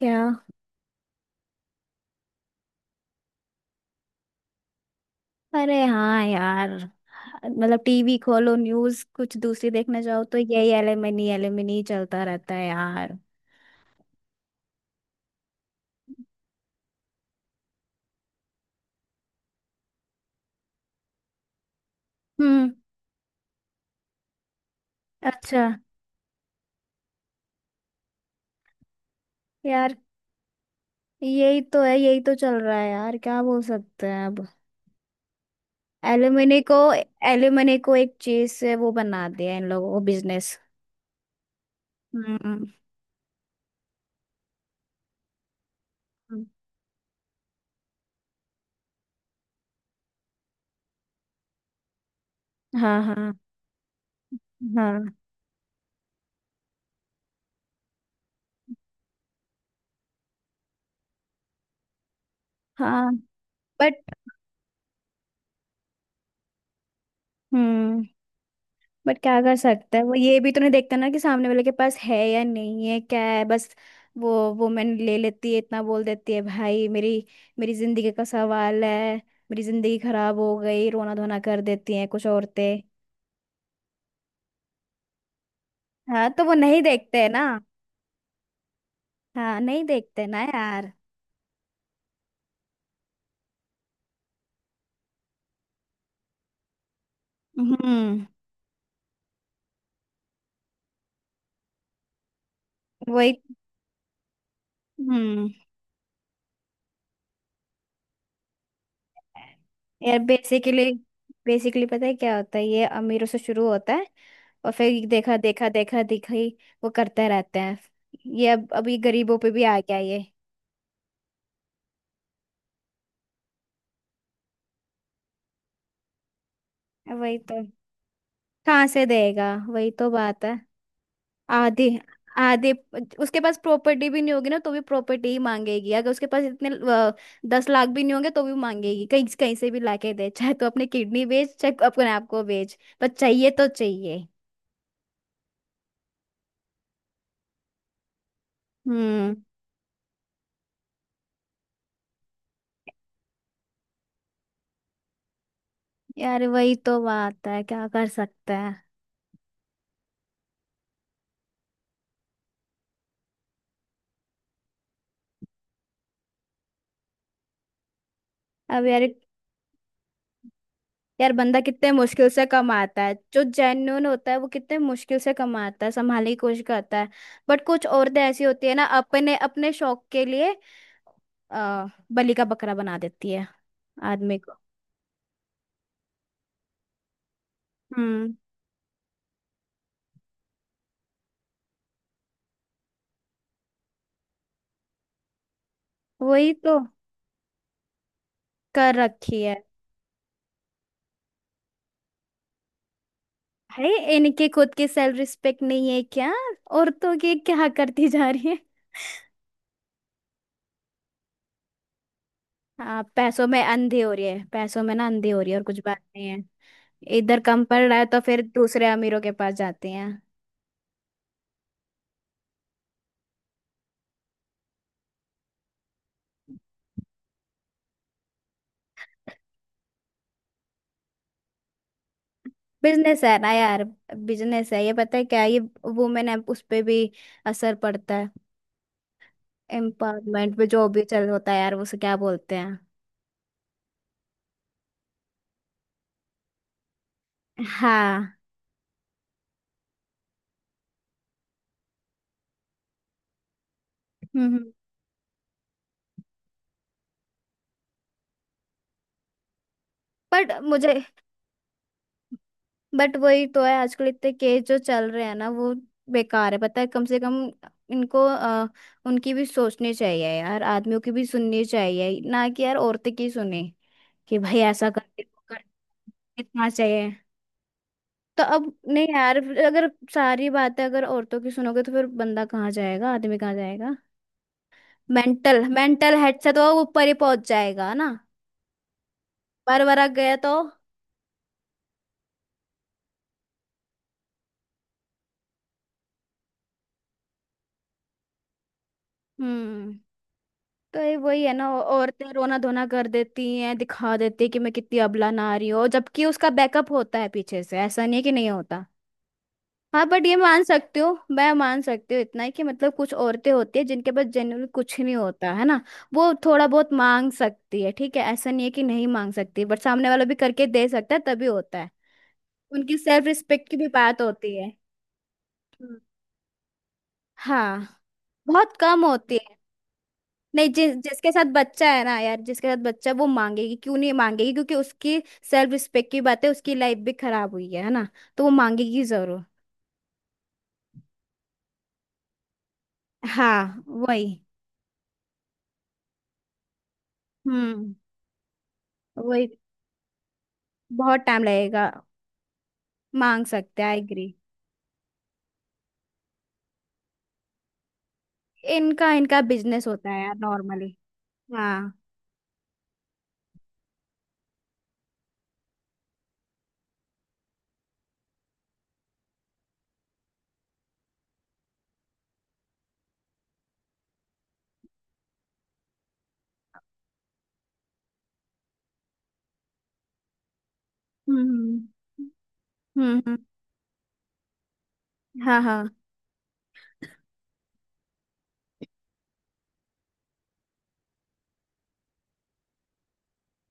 क्या। अरे, हाँ यार। मतलब टीवी खोलो, न्यूज कुछ दूसरी देखने जाओ तो यही एलिमिनी एलिमिनी चलता रहता है यार। हम्म। अच्छा। यार, यही तो है, यही तो चल रहा है यार, क्या बोल सकते हैं अब। एलिमिनी को एलिमिनी को एक चीज से वो बना दिया, इन लोगों को बिजनेस। हम्म। हम्म। हाँ, हाँ, हाँ, हाँ। बट हम्म बट क्या कर सकते हैं, वो ये भी तो नहीं देखते ना कि सामने वाले के पास है या नहीं है, क्या है बस। वो वुमेन ले लेती है, इतना बोल देती है, भाई मेरी मेरी जिंदगी का सवाल है। मेरी जिंदगी खराब हो गई, रोना धोना कर देती हैं कुछ औरतें। हाँ, तो वो नहीं देखते हैं ना। हाँ, नहीं देखते ना यार। हम्म। वही। हम्म। यार, बेसिकली बेसिकली पता है क्या होता है, ये अमीरों से शुरू होता है, और फिर देखा देखा देखा देखा ही वो करते रहते हैं, ये अब अभी गरीबों पे भी आ गया ये। वही तो। कहाँ से देगा, वही तो बात है। आधे, आधे उसके पास प्रॉपर्टी भी नहीं होगी ना, तो भी प्रॉपर्टी ही मांगेगी। अगर उसके पास इतने 10 लाख भी नहीं होंगे तो भी मांगेगी, कहीं कहीं से भी लाके दे, चाहे तो अपने किडनी बेच, चाहे अपने आप को बेच, पर चाहिए तो चाहिए। हम्म। यार वही तो बात है, क्या कर सकते हैं अब यार। यार बंदा कितने मुश्किल से कमाता है, जो जेन्युइन होता है वो कितने मुश्किल से कमाता है, संभालने की कोशिश करता है। बट कुछ औरतें ऐसी होती है ना, अपने अपने शौक के लिए आ, बलि का बकरा बना देती है आदमी को। हम्म। वही तो। कर रखी है भाई। इनके खुद की सेल्फ रिस्पेक्ट नहीं है क्या? औरतों की क्या करती जा रही है। हाँ, पैसों में अंधी हो रही है, पैसों में ना अंधी हो रही है, और कुछ बात नहीं है। इधर कम पड़ रहा है तो फिर दूसरे अमीरों के पास जाते हैं। बिजनेस है ना यार, बिजनेस है ये, पता है क्या ये, वुमेन है, उस पे भी असर पड़ता है, एम्पावरमेंट पे जो भी चल होता है यार, उसे क्या बोलते हैं। हाँ। हम्म। हम्म। बट मुझे बट वही तो है, आजकल इतने केस जो चल रहे हैं ना वो बेकार है, पता है। कम से कम इनको अ, उनकी भी सोचनी चाहिए यार, आदमियों की भी सुननी चाहिए ना, कि यार औरतें की सुने कि भाई ऐसा करके वो इतना चाहिए तो अब नहीं यार। अगर सारी बातें अगर औरतों की सुनोगे तो फिर बंदा कहाँ जाएगा, आदमी कहाँ जाएगा। मेंटल मेंटल हेड से तो वो ऊपर ही पहुंच जाएगा ना, बार बार गया तो। हम्म। तो ये वही है ना, औरतें रोना धोना कर देती हैं, दिखा देती हैं कि मैं कितनी अबला नारी हूँ, जबकि उसका बैकअप होता है पीछे से, ऐसा नहीं है कि नहीं होता। हाँ। बट ये मान सकते हो, मैं मान सकती हूँ इतना ही कि मतलब कुछ औरतें होती है जिनके पास जनरल कुछ नहीं होता है ना, वो थोड़ा बहुत मांग सकती है, ठीक है, ऐसा नहीं है कि नहीं मांग सकती, बट सामने वाला भी करके दे सकता है तभी होता है। उनकी सेल्फ रिस्पेक्ट की भी बात होती है। हम्म। हाँ। बहुत कम होती है। नहीं, जिस जिसके साथ बच्चा है ना यार, जिसके साथ बच्चा है, वो मांगेगी, क्यों नहीं मांगेगी, क्योंकि उसकी सेल्फ रिस्पेक्ट की बात है, उसकी लाइफ भी खराब हुई है ना। तो वो मांगेगी जरूर। हाँ, वही। हम्म। वही। बहुत टाइम लगेगा, मांग सकते हैं, आई एग्री। इनका इनका बिजनेस होता है यार, नॉर्मली। हाँ। हम्म। हम्म। हम्म। हाँ, हाँ।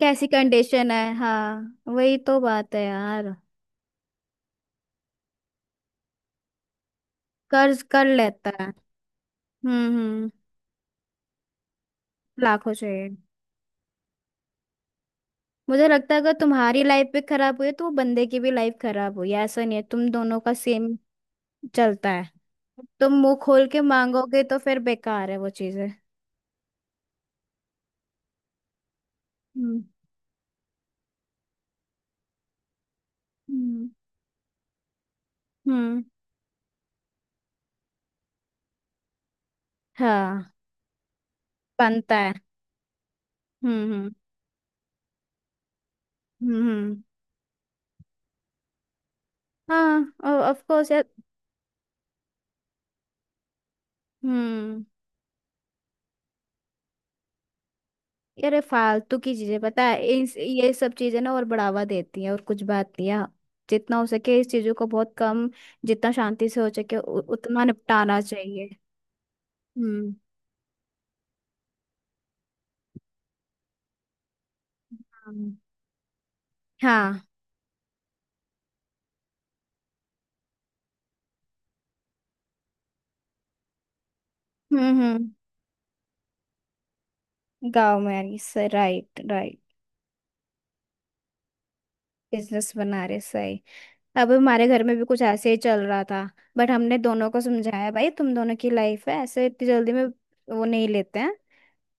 कैसी कंडीशन है, हाँ वही तो बात है यार। कर्ज कर लेता है। हम्म। हम्म। लाखों चाहिए। मुझे लगता है अगर तुम्हारी लाइफ भी खराब हुई है तो वो बंदे की भी लाइफ खराब हुई है, ऐसा नहीं है, तुम दोनों का सेम चलता है। तुम मुंह खोल के मांगोगे तो फिर बेकार है वो चीजें। हम्म। हम्म। हम्म। हाँ। बनता है। हम्म। हम्म। हम्म। हाँ, और ऑफ कोर्स यार। हम्म। यार ये फालतू की चीजें, पता है इस ये सब चीजें ना और बढ़ावा देती हैं, और कुछ बात नहीं है। जितना हो सके इस चीजों को बहुत कम, जितना शांति से हो सके उतना निपटाना चाहिए। हम्म। हम्म। हाँ। हम्म। हम्म। गाँव में यार, सही, राइट, राइट। बिजनेस बना रहे, सही। अब हमारे घर में भी कुछ ऐसे ही चल रहा था, बट हमने दोनों को समझाया, भाई तुम दोनों की लाइफ है, ऐसे इतनी जल्दी में वो नहीं लेते हैं।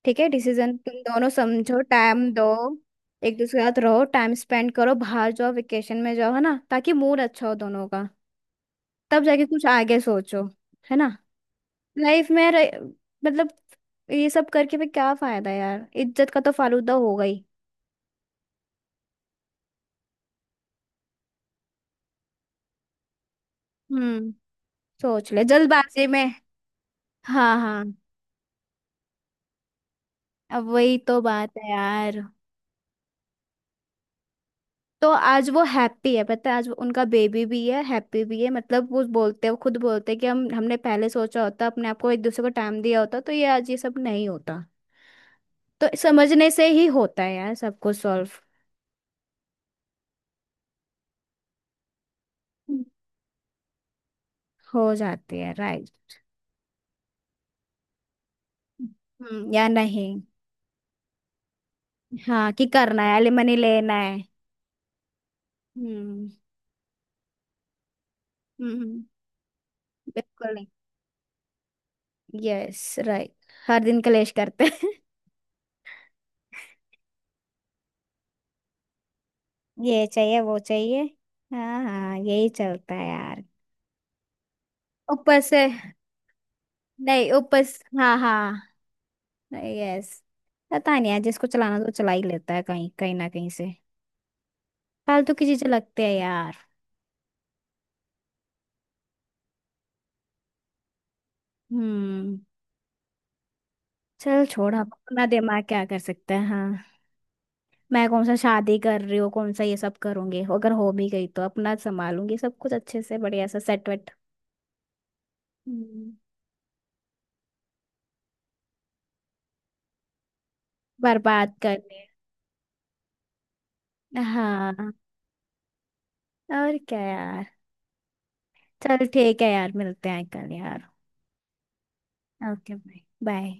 ठीक है, डिसीजन तुम दोनों समझो, टाइम दो। एक दूसरे के साथ रहो, टाइम स्पेंड करो, बाहर जाओ, वेकेशन में जाओ, है ना, ताकि मूड अच्छा हो दोनों का। तब जाके कुछ आगे सोचो। है ना। लाइफ में रह- मतलब ये सब करके भी क्या फायदा यार, इज्जत का तो फालूदा हो गई। हम्म। सोच ले, जल्दबाजी में। हाँ, हाँ। अब वही तो बात है यार। तो आज वो हैप्पी है, पता है, आज उनका बेबी भी है, हैप्पी भी है, मतलब वो बोलते हैं, वो खुद बोलते हैं कि हम हमने पहले सोचा होता, अपने आप को एक दूसरे को टाइम दिया होता तो ये आज ये सब नहीं होता। तो समझने से ही होता है यार, सब कुछ सॉल्व। हो जाती है, राइट। हम्म, या नहीं। हाँ, कि करना है, एलिमनी लेना है। हम्म। हम्म। बिल्कुल नहीं। यस। राइट। हर दिन कलेश करते हैं। ये चाहिए वो चाहिए। हाँ, हाँ, यही चलता है यार। ऊपर से। नहीं, उपस, हाँ, हाँ। यस। पता नहीं यार, जिसको चलाना तो चला ही लेता है कहीं कहीं ना कहीं से। फालतू की चीजें लगते हैं यार। हम्म। चल छोड़, अब अपना दिमाग क्या कर सकता है, हाँ। मैं कौन सा शादी कर रही हूँ, कौन सा ये सब करूंगी, अगर हो भी गई तो अपना संभालूंगी सब कुछ अच्छे से, बढ़िया सा सेट वेट। हम्म। बर्बाद कर ले। हाँ, और क्या यार। चल, ठीक है यार, मिलते हैं कल यार। ओके। Bye, bye.